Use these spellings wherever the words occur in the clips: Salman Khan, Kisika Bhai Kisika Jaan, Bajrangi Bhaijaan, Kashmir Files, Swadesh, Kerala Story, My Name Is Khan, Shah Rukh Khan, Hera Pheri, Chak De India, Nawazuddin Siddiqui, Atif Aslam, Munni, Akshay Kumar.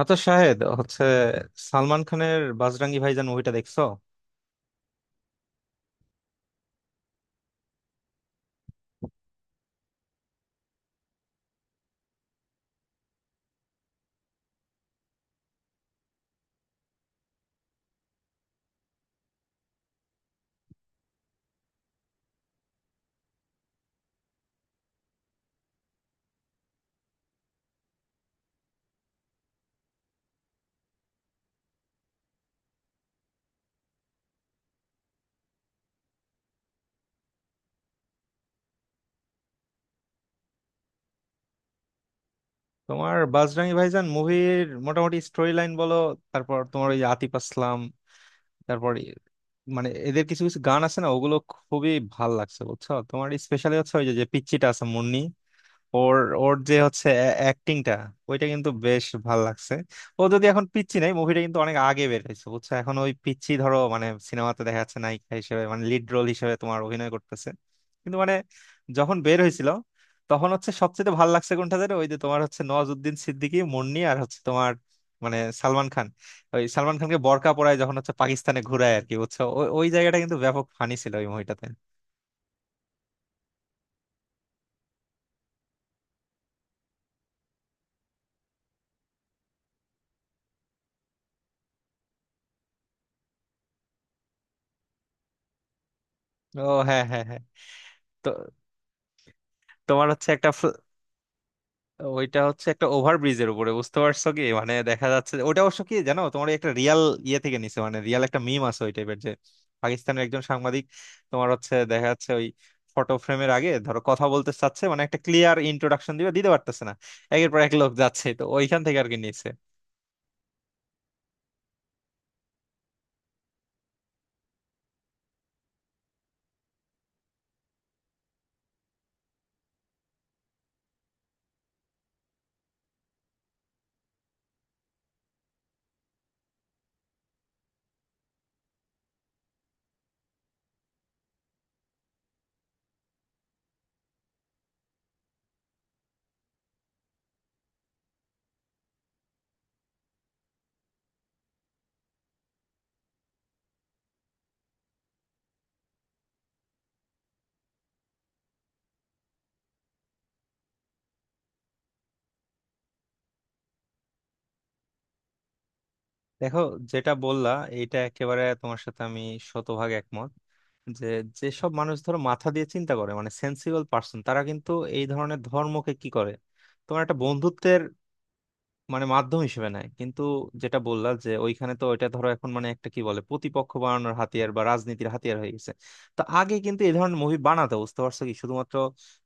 আচ্ছা, শাহেদ হচ্ছে সালমান খানের বাজরাঙ্গি ভাইজান মুভিটা দেখছো? তোমার বাজরাঙ্গি ভাইজান মুভির মোটামুটি স্টোরি লাইন বলো। তারপর তোমার ওই যে আতিফ আসলাম, তারপর মানে এদের কিছু কিছু গান আছে না, ওগুলো খুবই ভাল লাগছে বুঝছো। তোমার স্পেশালি হচ্ছে ওই যে যে পিচ্চিটা আছে, মুন্নি, ওর ওর যে হচ্ছে অ্যাক্টিংটা, ওইটা কিন্তু বেশ ভাল লাগছে। ও যদি এখন পিচ্চি নাই, মুভিটা কিন্তু অনেক আগে বের হয়েছে বুঝছো, এখন ওই পিচ্চি ধরো মানে সিনেমাতে দেখা যাচ্ছে নায়িকা হিসেবে, মানে লিড রোল হিসেবে তোমার অভিনয় করতেছে। কিন্তু মানে যখন বের হয়েছিল তখন হচ্ছে সবচেয়ে ভাল লাগছে কোনটা জানো? ওই যে তোমার হচ্ছে নওয়াজুদ্দিন সিদ্দিকী, মুন্নি, আর হচ্ছে তোমার মানে সালমান খান। ওই সালমান খানকে বরকা পরায় যখন, হচ্ছে পাকিস্তানে ঘুরায় আর কি বুঝছো, ওই ওই জায়গাটা কিন্তু ব্যাপক ফানি ছিল ওই মুভিটাতে। ও হ্যাঁ, হ্যাঁ, হ্যাঁ। তো তোমার হচ্ছে একটা, ওইটা হচ্ছে একটা ওভারব্রিজের উপরে বুঝতে পারছো কি, মানে দেখা যাচ্ছে ওইটা অবশ্য কি জানো, তোমার ওই একটা রিয়াল ইয়ে থেকে নিছে, মানে রিয়াল একটা মিম আছে ওই টাইপের। যে পাকিস্তানের একজন সাংবাদিক, তোমার হচ্ছে দেখা যাচ্ছে ওই ফটো ফ্রেমের আগে ধরো কথা বলতে চাচ্ছে, মানে একটা ক্লিয়ার ইন্ট্রোডাকশন দিবে, দিতে পারতেছে না, একের পর এক লোক যাচ্ছে, তো ওইখান থেকে আর কি নিছে। দেখো, যেটা বললা, এটা একেবারে তোমার সাথে আমি শতভাগ একমত। যে যেসব মানুষ ধরো মাথা দিয়ে চিন্তা করে, মানে সেন্সিবল পার্সন, তারা কিন্তু এই ধরনের ধর্মকে কি করে তোমার একটা বন্ধুত্বের মানে মাধ্যম হিসেবে নেয়। কিন্তু যেটা বললা যে ওইখানে তো, এটা ধরো এখন মানে একটা কি বলে প্রতিপক্ষ বানানোর হাতিয়ার বা রাজনীতির হাতিয়ার হয়ে গেছে। তো আগে কিন্তু এই ধরনের মুভি বানাতো বুঝতে পারছো কি, শুধুমাত্র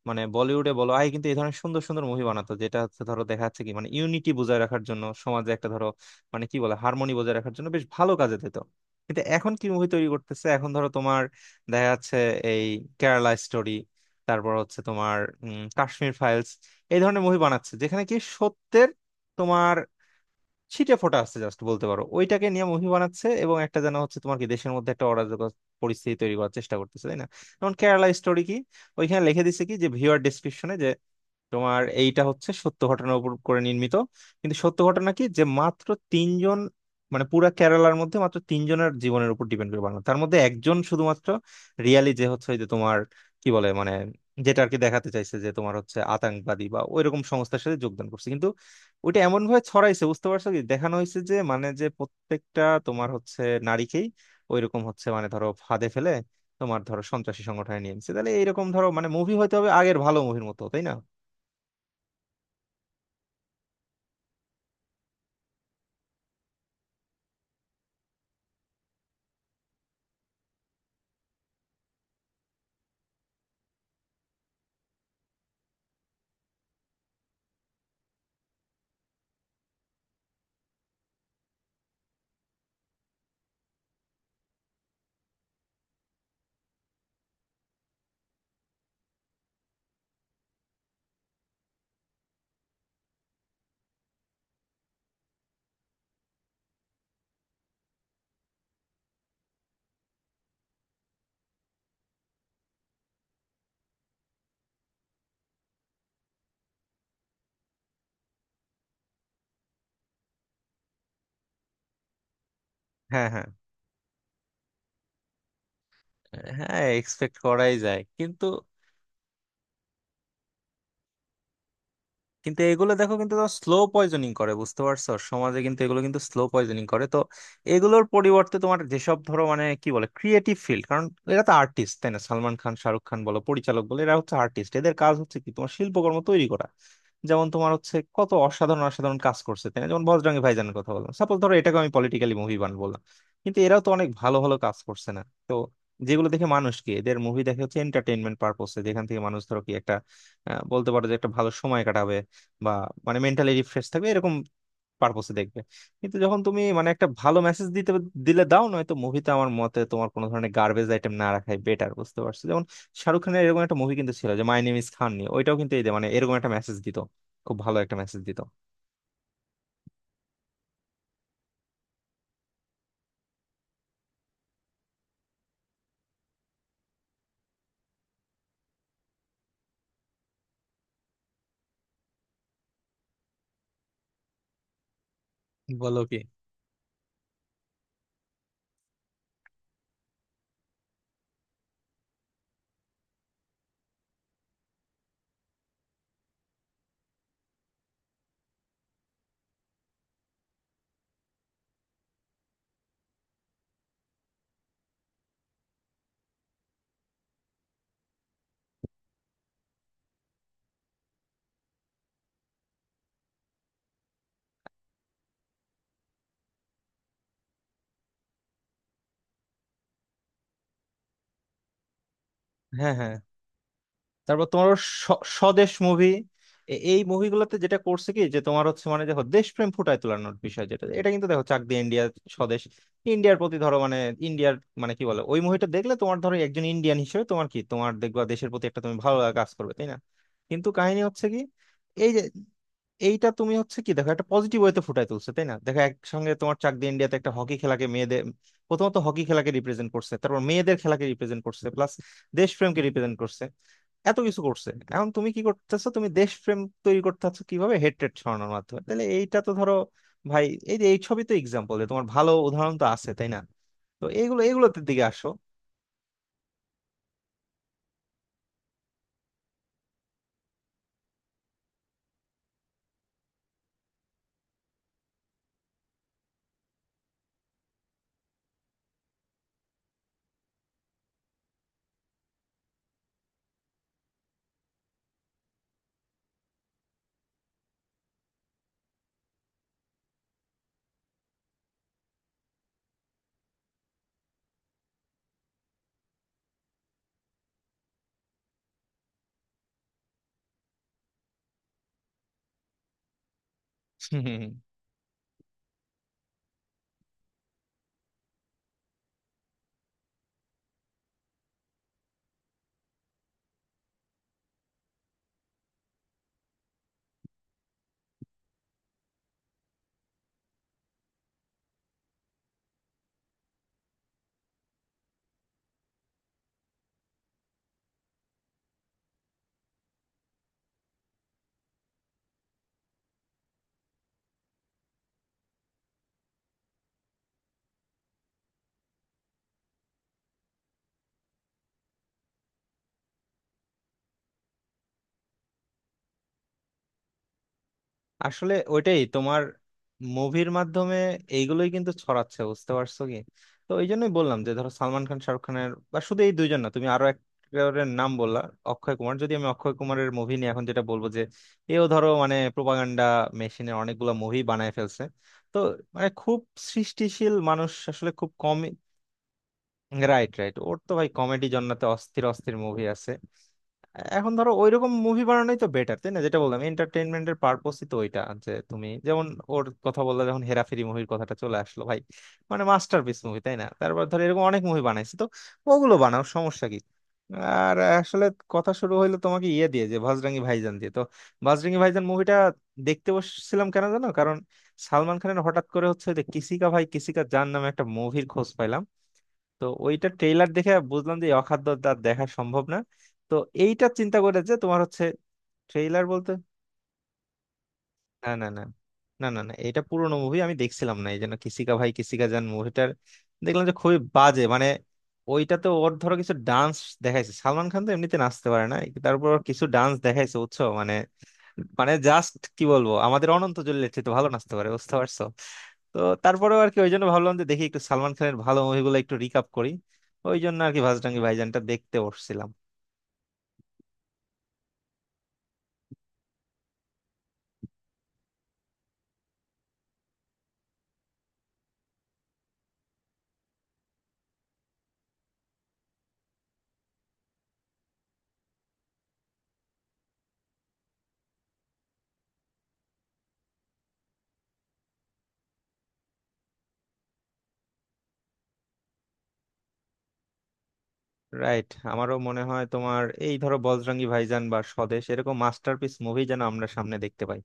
মানে বলিউডে বলো, আগে কিন্তু এই ধরনের সুন্দর সুন্দর মুভি বানাতো, যেটা হচ্ছে ধরো দেখা যাচ্ছে কি, মানে ইউনিটি বজায় রাখার জন্য সমাজে একটা ধরো মানে কি বলে হারমোনি বজায় রাখার জন্য বেশ ভালো কাজে দিত। কিন্তু এখন কি মুভি তৈরি করতেছে, এখন ধরো তোমার দেখা যাচ্ছে এই কেরালা স্টোরি, তারপর হচ্ছে তোমার কাশ্মীর ফাইলস। এই ধরনের মুভি বানাচ্ছে যেখানে কি সত্যের তোমার ছিটে ফোটা আছে, জাস্ট বলতে পারো ওইটাকে নিয়ে মুভি বানাচ্ছে, এবং একটা যেন হচ্ছে তোমার কি দেশের মধ্যে একটা অরাজকতা পরিস্থিতি তৈরি করার চেষ্টা করতেছে, তাই না? যেমন কেরালা স্টোরি কি ওইখানে লিখে দিছে কি যে ভিউয়ার ডিসক্রিপশনে যে তোমার এইটা হচ্ছে সত্য ঘটনার উপর করে নির্মিত। কিন্তু সত্য ঘটনা কি, যে মাত্র তিনজন, মানে পুরা কেরালার মধ্যে মাত্র তিনজনের জীবনের উপর ডিপেন্ড করে বানানো, তার মধ্যে একজন শুধুমাত্র রিয়ালি যে হচ্ছে ওই যে তোমার কি বলে মানে যেটা আর কি দেখাতে চাইছে, যে তোমার হচ্ছে আতঙ্কবাদী বা ওইরকম সংস্থার সাথে যোগদান করছে। কিন্তু ওইটা এমন ভাবে ছড়াইছে বুঝতে পারছো কি, দেখানো হয়েছে যে মানে যে প্রত্যেকটা তোমার হচ্ছে নারীকেই ওইরকম হচ্ছে, মানে ধরো ফাঁদে ফেলে তোমার ধরো সন্ত্রাসী সংগঠনে নিয়ে নিচ্ছে। তাহলে এইরকম ধরো মানে মুভি হয়তো হবে আগের ভালো মুভির মতো, তাই না? হ্যাঁ, হ্যাঁ, হ্যাঁ, এক্সপেক্ট করাই যায়। কিন্তু কিন্তু এগুলো দেখো কিন্তু স্লো পয়জনিং করে বুঝতে পারছো, সমাজে কিন্তু এগুলো কিন্তু স্লো পয়জনিং করে। তো এগুলোর পরিবর্তে তোমার যেসব ধরো মানে কি বলে ক্রিয়েটিভ ফিল্ড, কারণ এরা তো আর্টিস্ট, তাই না? সালমান খান, শাহরুখ খান বলো, পরিচালক বলো, এরা হচ্ছে আর্টিস্ট, এদের কাজ হচ্ছে কি তোমার শিল্পকর্ম তৈরি করা। যেমন তোমার হচ্ছে কত অসাধারণ অসাধারণ কাজ করছে, তাই না? যেমন বজরঙ্গী ভাইজানের কথা বললাম, সাপোজ ধরো এটাকে আমি পলিটিক্যালি মুভি বান বললাম, কিন্তু এরাও তো অনেক ভালো ভালো কাজ করছে না। তো যেগুলো দেখে মানুষ কি এদের মুভি দেখে হচ্ছে এন্টারটেইনমেন্ট পারপোসে, যেখান থেকে মানুষ ধরো কি একটা বলতে পারো যে একটা ভালো সময় কাটাবে, বা মানে মেন্টালি রিফ্রেশ থাকবে এরকম পারপোসে দেখবে। কিন্তু যখন তুমি মানে একটা ভালো মেসেজ দিতে দিলে দাও, নয়তো মুভিতে আমার মতে তোমার কোনো ধরনের গার্বেজ আইটেম না রাখাই বেটার বুঝতে পারছো। যেমন শাহরুখ খানের এরকম একটা মুভি কিন্তু ছিল যে মাই নেম ইজ খান নিয়ে, ওইটাও কিন্তু এই যে মানে এরকম একটা মেসেজ দিত, খুব ভালো একটা মেসেজ দিত। বলো কি! হ্যাঁ, হ্যাঁ। তারপর তোমার ওর স্বদেশ মুভি, এই মুভিগুলোতে যেটা করছে কি যে তোমার হচ্ছে মানে দেখো দেশপ্রেম ফুটায় তোলানোর বিষয় যেটা, এটা কিন্তু দেখো চাক দে ইন্ডিয়া, স্বদেশ, ইন্ডিয়ার প্রতি ধরো মানে ইন্ডিয়ার মানে কি বলে ওই মুভিটা দেখলে তোমার ধরো একজন ইন্ডিয়ান হিসেবে তোমার কি তোমার দেখবা দেশের প্রতি একটা তুমি ভালো লাগা কাজ করবে, তাই না? কিন্তু কাহিনী হচ্ছে কি, এই যে এইটা তুমি হচ্ছে কি দেখো একটা পজিটিভ ওয়েতে ফুটায় তুলছে, তাই না? দেখো একসঙ্গে তোমার চাক দিয়ে ইন্ডিয়াতে একটা হকি খেলাকে, মেয়েদের প্রথমত হকি খেলাকে রিপ্রেজেন্ট করছে, তারপর মেয়েদের খেলাকে রিপ্রেজেন্ট করছে, প্লাস দেশপ্রেমকে রিপ্রেজেন্ট করছে, এত কিছু করছে। এখন তুমি কি করতেছো, তুমি দেশপ্রেম তৈরি করতে চাচ্ছ কিভাবে, হেট্রেট ছড়ানোর মাধ্যমে? তাহলে এইটা তো ধরো ভাই, এই যে এই ছবি তো এক্সাম্পল, তোমার ভালো উদাহরণ তো আছে, তাই না? তো এইগুলো এগুলোতে দিকে আসো। আসলে ওইটাই তোমার মুভির মাধ্যমে এইগুলোই কিন্তু ছড়াচ্ছে বুঝতে পারছো কি। তো এই জন্যই বললাম যে ধরো সালমান খান, শাহরুখ খানের বা শুধু এই দুইজন না, তুমি আরো একজনের নাম বললা, অক্ষয় কুমার। যদি আমি অক্ষয় কুমারের মুভি নিয়ে এখন যেটা বলবো, যে এও ধরো মানে প্রোপাগান্ডা মেশিনে অনেকগুলো মুভি বানায় ফেলছে। তো মানে খুব সৃষ্টিশীল মানুষ আসলে খুব কম। রাইট, রাইট, ওর তো ভাই কমেডি জন্নাতে অস্থির অস্থির মুভি আছে। এখন ধরো ওইরকম মুভি বানানোই তো বেটার, তাই না? যেটা বললাম এন্টারটেইনমেন্টের পারপোসই তো ওইটা। যে তুমি যেমন ওর কথা বললে যখন, হেরাফেরি মুভির কথাটা চলে আসলো ভাই, মানে মাস্টারপিস মুভি, তাই না? তারপর ধরো এরকম অনেক মুভি বানাইছে, তো ওগুলো বানাও, সমস্যা কি? আর আসলে কথা শুরু হইলো তোমাকে ইয়ে দিয়ে, যে ভাজরাঙ্গি ভাইজান দিয়ে। তো ভাজরাঙ্গি ভাইজান মুভিটা দেখতে বসছিলাম কেন জানো? কারণ সালমান খানের হঠাৎ করে হচ্ছে যে কিসিকা ভাই কিসিকা জান নামে একটা মুভির খোঁজ পাইলাম। তো ওইটা ট্রেইলার দেখে বুঝলাম যে এই অখাদ্য আর দেখা সম্ভব না। তো এইটা চিন্তা করে যে তোমার হচ্ছে, ট্রেইলার বলতে, না, না, না, না, না, না, এটা পুরোনো মুভি আমি দেখছিলাম না, এই জন্য কিসিকা ভাই কিসিকা জান মুভিটার দেখলাম যে খুবই বাজে মানে। ওইটাতে ওর ধরো কিছু ডান্স দেখাইছে, সালমান খান তো এমনিতে নাচতে পারে না, তারপর কিছু ডান্স দেখাইছে বুঝছো, মানে মানে জাস্ট কি বলবো, আমাদের অনন্ত জলিলের চেয়ে তো ভালো নাচতে পারে বুঝতে পারছো। তো তারপরেও আর কি, ওই জন্য ভাবলাম যে দেখি একটু সালমান খানের ভালো মুভিগুলো একটু রিকাপ করি, ওই জন্য আর কি ভাজরাঙ্গি ভাইজানটা দেখতে বসছিলাম। রাইট, আমারও মনে হয় তোমার এই ধরো বজরঙ্গি ভাইজান বা স্বদেশ এরকম মাস্টারপিস মুভি যেন আমরা সামনে দেখতে পাই।